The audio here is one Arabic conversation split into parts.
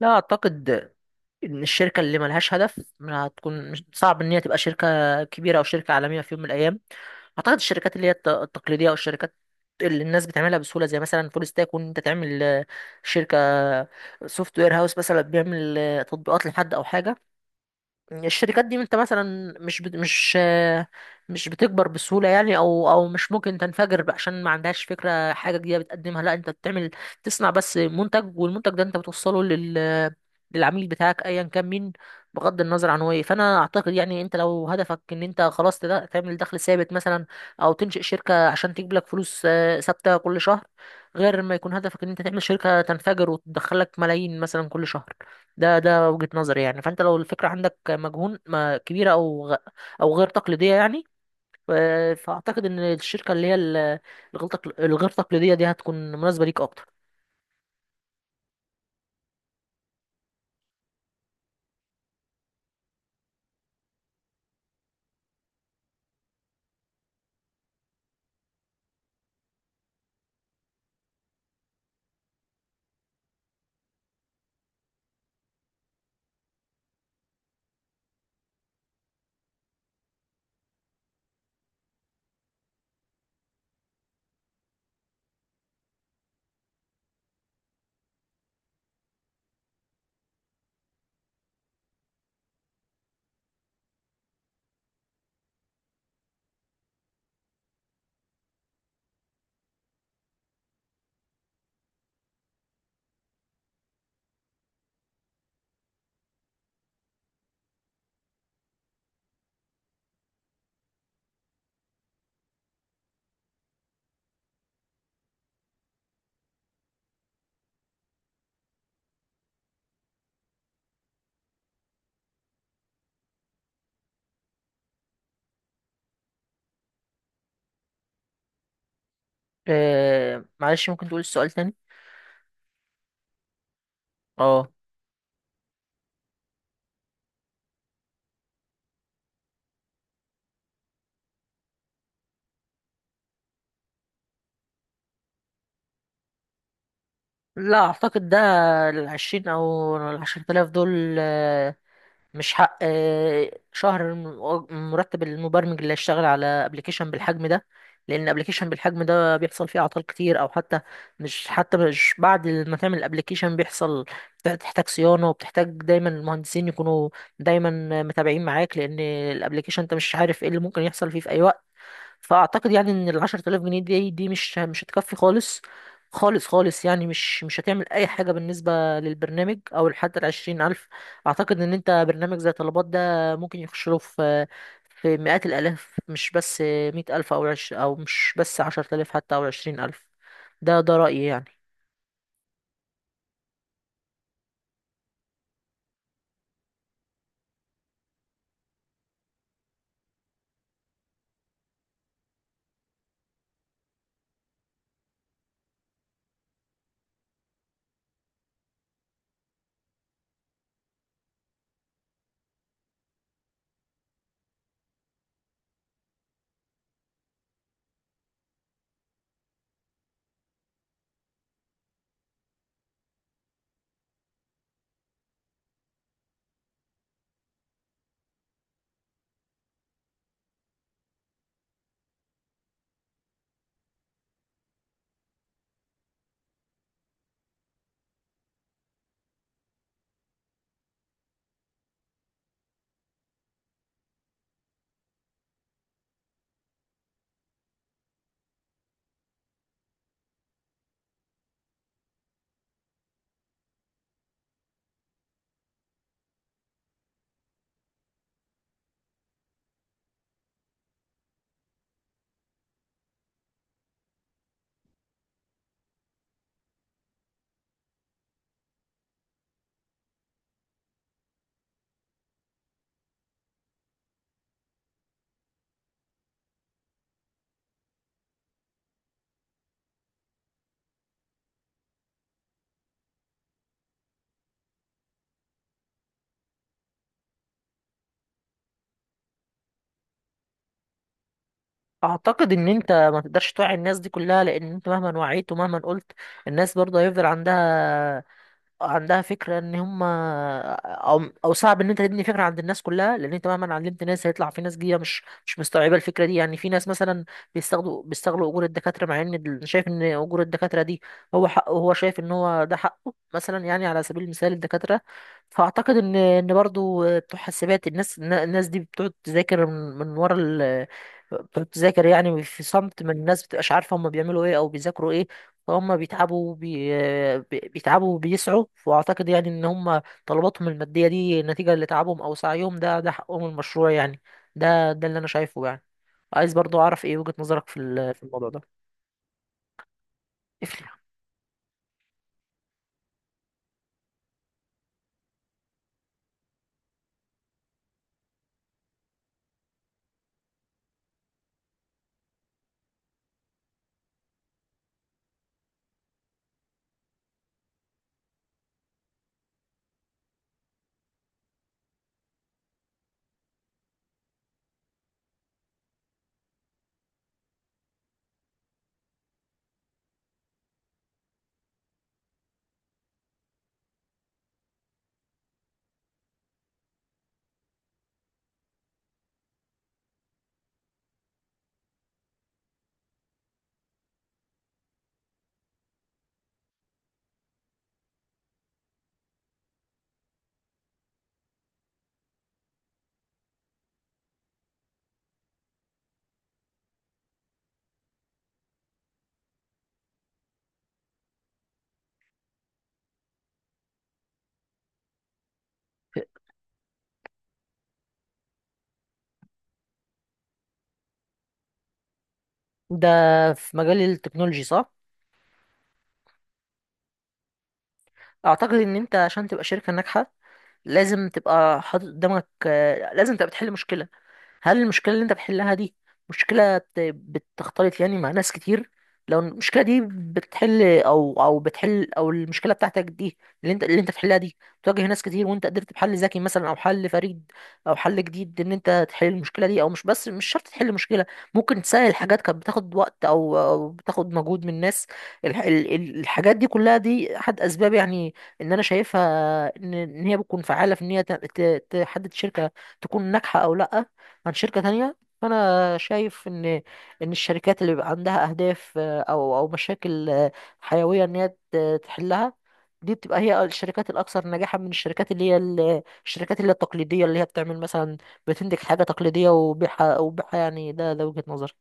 لا اعتقد ان الشركه اللي ملهاش هدف ما هتكون، مش صعب ان هي تبقى شركه كبيره او شركه عالميه في يوم من الايام. اعتقد الشركات اللي هي التقليديه، او الشركات اللي الناس بتعملها بسهوله، زي مثلا فول ستاك، وان انت تعمل شركه سوفت وير هاوس، مثلا بيعمل تطبيقات لحد او حاجه. الشركات دي انت مثلا مش بت... مش آه، مش بتكبر بسهولة يعني، او مش ممكن تنفجر بقى عشان ما عندهاش فكرة حاجة جديدة بتقدمها، لا انت بتعمل تصنع بس منتج، والمنتج ده انت بتوصله للعميل بتاعك ايا كان مين، بغض النظر عن هو ايه. فانا اعتقد يعني، انت لو هدفك ان انت خلاص تعمل دخل ثابت مثلا، او تنشئ شركة عشان تجيب لك فلوس ثابتة كل شهر، غير ما يكون هدفك ان انت تعمل شركة تنفجر وتدخلك ملايين مثلا كل شهر. ده وجهة نظري يعني. فانت لو الفكرة عندك مجهون ما كبيرة، او غير تقليدية يعني، ف- فاعتقد ان الشركة اللي هي الغير تقليدية دي هتكون مناسبة ليك اكتر. معلش، ممكن تقول السؤال تاني؟ اه. لا اعتقد ده. العشرين او العشرة آلاف دول مش حق شهر، مرتب المبرمج اللي هيشتغل على ابلكيشن بالحجم ده. لان ابلكيشن بالحجم ده بيحصل فيه اعطال كتير، او حتى مش بعد ما تعمل الابلكيشن بيحصل، بتحتاج صيانه، وبتحتاج دايما المهندسين يكونوا دايما متابعين معاك، لان الابلكيشن انت مش عارف ايه اللي ممكن يحصل فيه في اي وقت. فاعتقد يعني ان ال 10,000 جنيه دي مش هتكفي خالص خالص خالص، يعني مش هتعمل اي حاجه بالنسبه للبرنامج، او حتى ال 20,000. اعتقد ان انت برنامج زي طلبات ده ممكن يخش له في مئات الالاف، مش بس 100,000، او مش بس 10,000 حتى، او 20,000. ده رايي يعني. اعتقد ان انت ما تقدرش توعي الناس دي كلها، لان انت مهما وعيت ومهما قلت، الناس برضه هيفضل عندها فكرة ان هم، او صعب ان انت تبني فكرة عند الناس كلها، لان انت مهما علمت ناس هيطلع في ناس جديدة مش مستوعبة الفكرة دي. يعني في ناس مثلا بيستغلوا اجور الدكاترة، مع ان شايف ان اجور الدكاترة دي هو حقه، هو شايف ان هو ده حقه مثلا، يعني على سبيل المثال الدكاترة. فاعتقد ان برضو بتوع حاسبات، الناس دي بتقعد تذاكر من من ورا ال بتقعد تذاكر يعني في صمت، من الناس بتبقاش عارفة هم بيعملوا ايه او بيذاكروا ايه. فهم بيتعبوا وبيسعوا، واعتقد يعني ان هم طلباتهم الماديه دي نتيجه لتعبهم او سعيهم، ده حقهم المشروع يعني. ده اللي انا شايفه يعني. عايز برضو اعرف ايه وجهه نظرك في الموضوع ده؟ ده في مجال التكنولوجي صح؟ اعتقد ان انت عشان تبقى شركه ناجحه، لازم تبقى حاطط قدامك، لازم تبقى بتحل مشكله. هل المشكلة اللي انت بتحلها دي مشكلة بتختلط يعني مع ناس كتير؟ لو المشكلة دي بتحل، او المشكلة بتاعتك دي اللي انت بتحلها دي بتواجه ناس كتير، وانت قدرت بحل ذكي مثلا، او حل فريد، او حل جديد، ان انت تحل المشكلة دي، او مش بس، مش شرط تحل مشكلة، ممكن تسهل حاجات كانت بتاخد وقت او بتاخد مجهود من الناس. الحاجات دي كلها دي احد اسباب يعني ان انا شايفها، إن هي بتكون فعالة في ان هي تحدد شركة تكون ناجحة او لا عن شركة تانية. فأنا شايف إن الشركات اللي بيبقى عندها أهداف، أو مشاكل حيوية إن هي تحلها، دي بتبقى هي الشركات الأكثر نجاحا من الشركات اللي هي الشركات اللي هي التقليدية، اللي هي بتعمل مثلا، بتنتج حاجة تقليدية وبيعها يعني. ده وجهة نظري.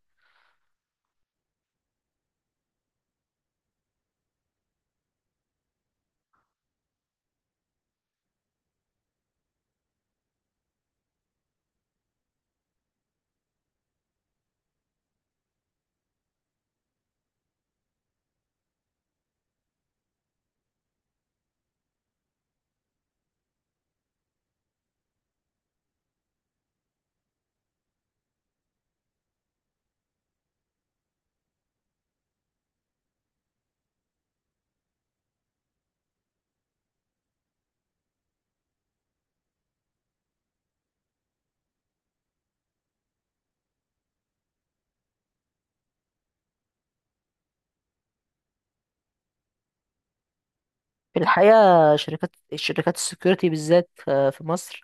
في الحقيقة الشركات السكيورتي بالذات في مصر،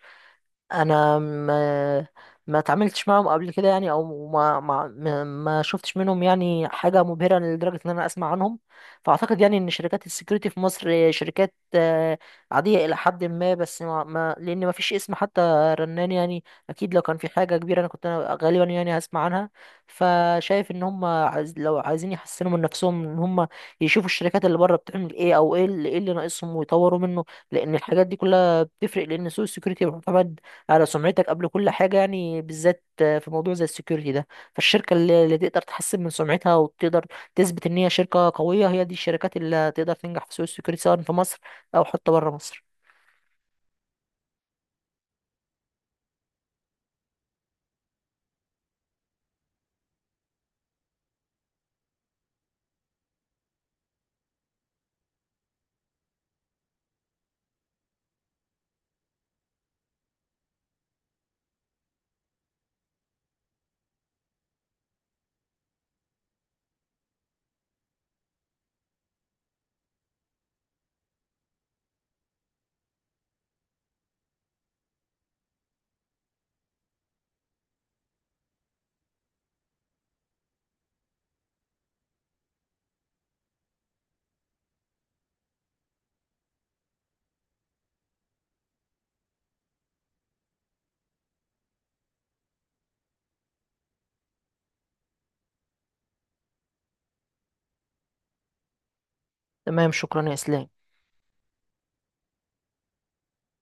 انا ما اتعاملتش معاهم قبل كده يعني، او ما شفتش منهم يعني حاجه مبهره لدرجه ان انا اسمع عنهم. فاعتقد يعني ان شركات السكيورتي في مصر شركات عاديه الى حد ما، بس لان ما فيش اسم حتى رنان يعني. اكيد لو كان في حاجه كبيره، انا كنت انا غالبا يعني هسمع عنها. فشايف ان هم لو عايزين يحسنوا من نفسهم، ان هم يشوفوا الشركات اللي بره بتعمل ايه، او إيه اللي ناقصهم، ويطوروا منه. لان الحاجات دي كلها بتفرق، لان سوق السكيورتي معتمد على سمعتك قبل كل حاجة يعني، بالذات في موضوع زي السكيورتي ده. فالشركة اللي تقدر تحسن من سمعتها، وتقدر تثبت إن هي شركة قوية، هي دي الشركات اللي تقدر تنجح في سوق السكيورتي، سواء في مصر أو حتى بره مصر. تمام، شكرا يا إسلام.